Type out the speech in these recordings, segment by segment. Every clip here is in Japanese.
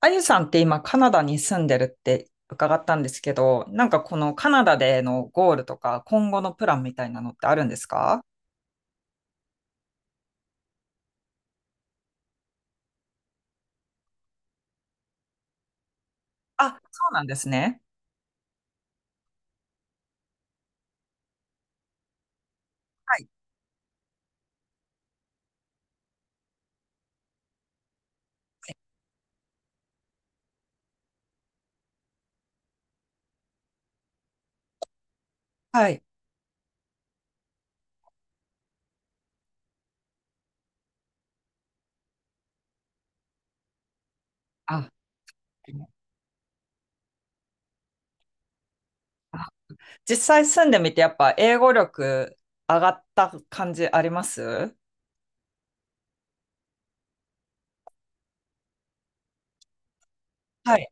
あゆさんって今カナダに住んでるって伺ったんですけど、なんかこのカナダでのゴールとか今後のプランみたいなのってあるんですか？あ、そうなんですね。はい。あ、あ、実際住んでみてやっぱ英語力上がった感じあります？はい。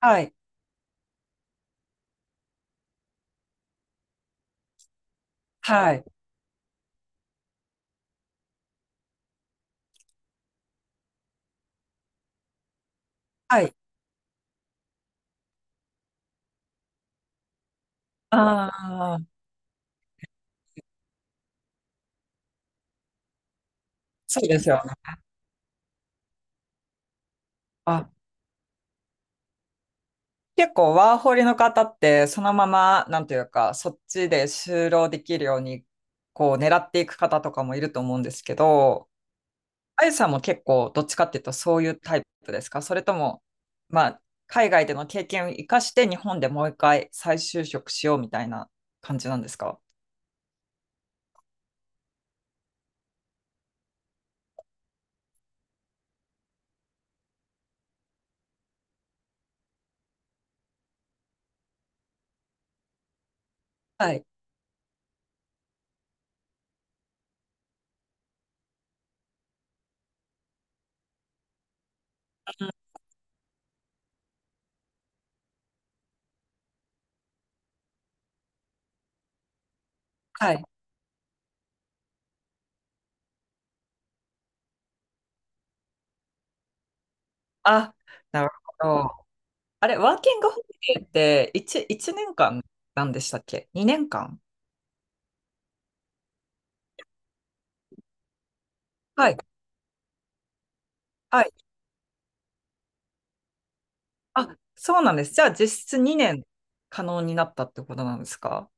はい。はい。はい。ああ、そうですよね。あ、結構ワーホリの方ってそのまま、なんていうか、そっちで就労できるように、こう狙っていく方とかもいると思うんですけど、あゆさんも結構どっちかっていうとそういうタイプですか？それとも、まあ、海外での経験を生かして日本でもう一回再就職しようみたいな感じなんですか？はい。うん。はい。あ、なるほど。あれ、ワーキングホリデーって1、一年間なんでしたっけ？ 2 年間？はい。はい。あ、そうなんです。じゃあ実質2年可能になったってことなんですか？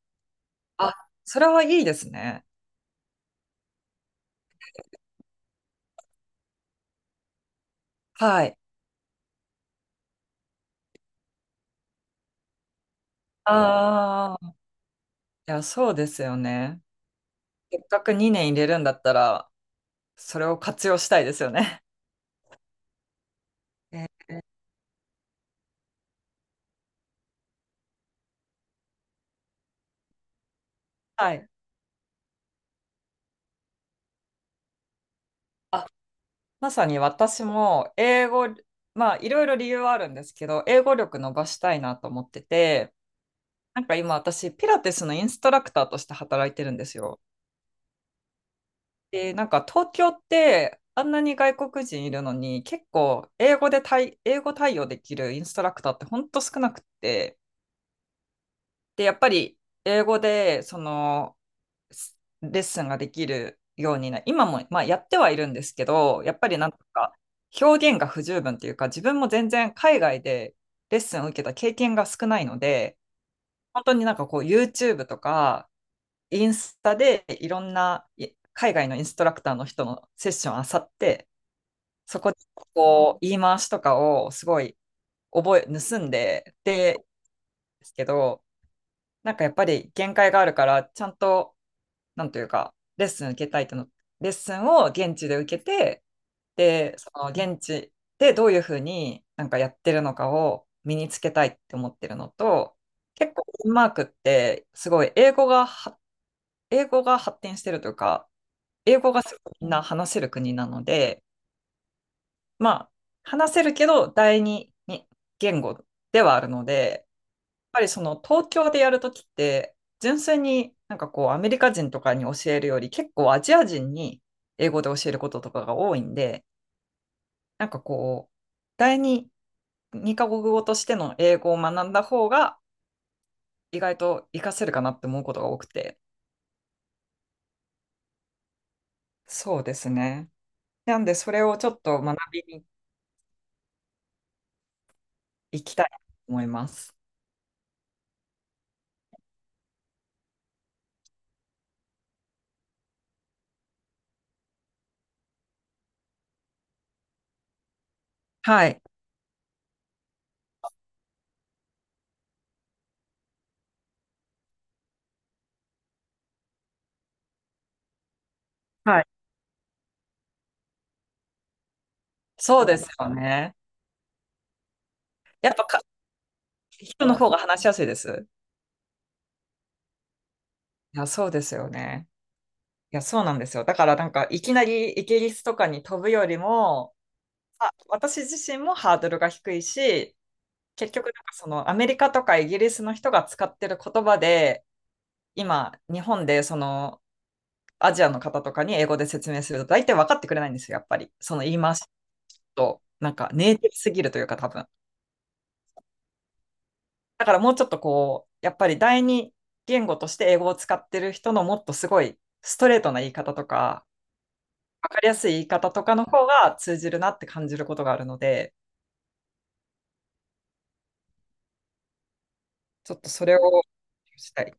あ、それはいいですね。はい。ああ、いや、そうですよね。せっかく2年入れるんだったら、それを活用したいですよね。えーはい。あ、まさに私も英語、まあ、いろいろ理由はあるんですけど、英語力伸ばしたいなと思ってて、なんか今私、ピラティスのインストラクターとして働いてるんですよ。で、なんか東京ってあんなに外国人いるのに結構英語対応できるインストラクターってほんと少なくって、で、やっぱり英語でそのレッスンができるようにな、今も、まあ、やってはいるんですけど、やっぱりなんとか表現が不十分というか、自分も全然海外でレッスンを受けた経験が少ないので、本当になんかこう YouTube とかインスタでいろんない海外のインストラクターの人のセッションあさって、そこでこう言い回しとかをすごい覚え、盗んで、ですけど、なんかやっぱり限界があるから、ちゃんと、なんというか、レッスン受けたいとの、レッスンを現地で受けて、で、その現地でどういうふうになんかやってるのかを身につけたいって思ってるのと、結構デンマークってすごい英語が発展してるというか、英語がすごいみんな話せる国なので、まあ、話せるけど、第二に言語ではあるので、やっぱりその東京でやるときって、純粋になんかこう、アメリカ人とかに教えるより、結構アジア人に英語で教えることとかが多いんで、なんかこう、第二、二カ国語としての英語を学んだ方が、意外と活かせるかなって思うことが多くて。そうですね。なんで、それをちょっと学びに行きたいと思います。はい。はい。そうですよね。やっぱか人の方が話しやすいです。いや、そうですよね。いや、そうなんですよ。だからなんか、いきなりイギリスとかに飛ぶよりも、あ、私自身もハードルが低いし、結局なんかそのアメリカとかイギリスの人が使ってる言葉で、今、日本でそのアジアの方とかに英語で説明すると大体分かってくれないんですよ、やっぱり。その言い回しと、なんかネイティブすぎるというか多分。だからもうちょっとこう、やっぱり第二言語として英語を使ってる人のもっとすごいストレートな言い方とか、わかりやすい言い方とかの方が通じるなって感じることがあるので、ちょっとそれをしたい。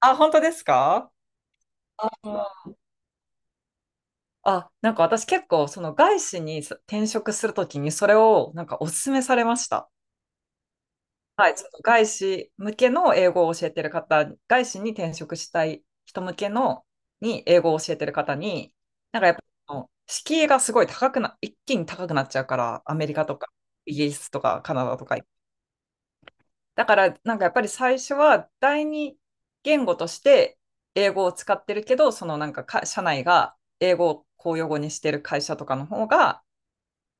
あ、本当ですか？ああ、なんか私結構その外資に転職するときにそれをなんかお勧めされました。はい、ちょっと外資向けの英語を教えてる方、外資に転職したい人向けのに英語を教えてる方に、なんかやっぱあの敷居がすごい高くな、一気に高くなっちゃうから、アメリカとかイギリスとかカナダとか。だからなんかやっぱり最初は第二言語として英語を使ってるけど、そのなんか社内が英語を公用語にしてる会社とかの方が、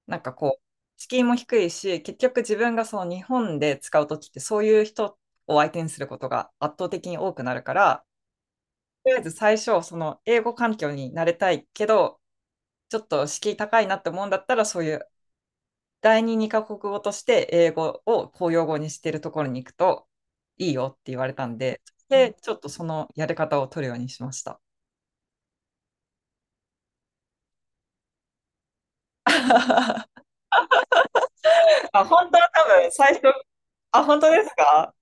なんかこう、敷居も低いし、結局自分がその日本で使うときって、そういう人を相手にすることが圧倒的に多くなるから、とりあえず最初、その英語環境に慣れたいけど、ちょっと敷居高いなって思うんだったら、そういう二カ国語として英語を公用語にしてるところに行くといいよって言われたんで、で、ちょっとそのやり方を取るようにしました。あ、本当は多分最初、あ、本当ですか？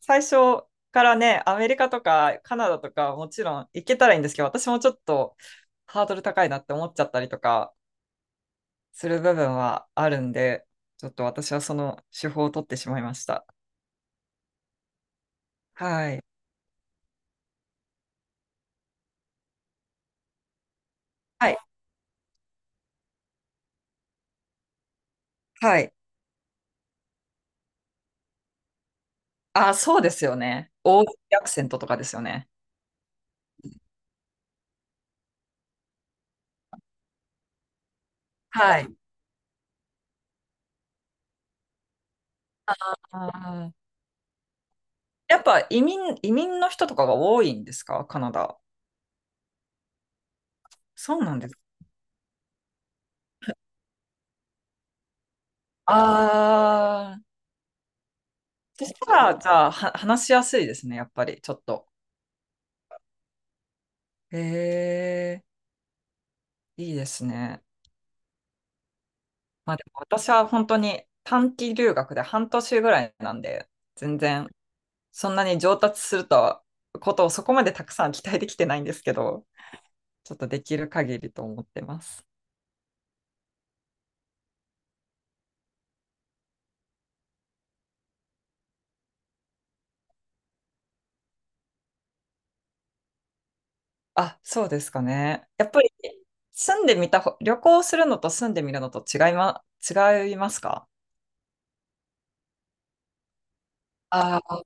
最初からね、アメリカとかカナダとかもちろん行けたらいいんですけど、私もちょっとハードル高いなって思っちゃったりとかする部分はあるんで、ちょっと私はその手法を取ってしまいました。はい。はい。はい。あ、そうですよね。オージーアクセントとかですよね。はい。あーやっぱ移民の人とかが多いんですか、カナダ。そうなんですか。ああ、そしたら、じゃあ、話しやすいですね、やっぱり、ちょっと。へえ。いいですね。まあでも私は本当に短期留学で半年ぐらいなんで、全然そんなに上達するとことをそこまでたくさん期待できてないんですけど、ちょっとできる限りと思ってます。あ、そうですかね。やっぱり住んでみたほ、旅行するのと住んでみるのと違いますか？あ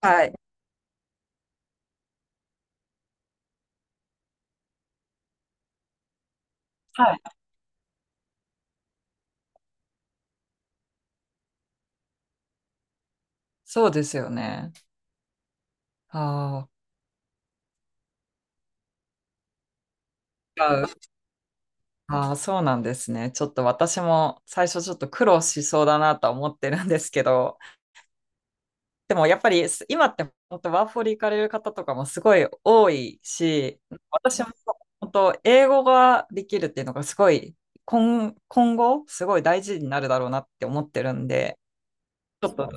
あ、はい。はい。そうですよね。ああ、違う、ああ、そうなんですね。ちょっと私も最初ちょっと苦労しそうだなとは思ってるんですけど、でもやっぱり今って本当ワーホリ行かれる方とかもすごい多いし、私も本当英語ができるっていうのがすごい今後すごい大事になるだろうなって思ってるんで、ちょっと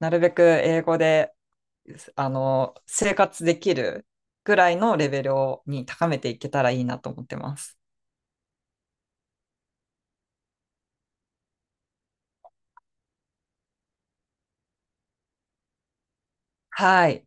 なるべく英語であの生活できるぐらいのレベルをに高めていけたらいいなと思ってます。はい。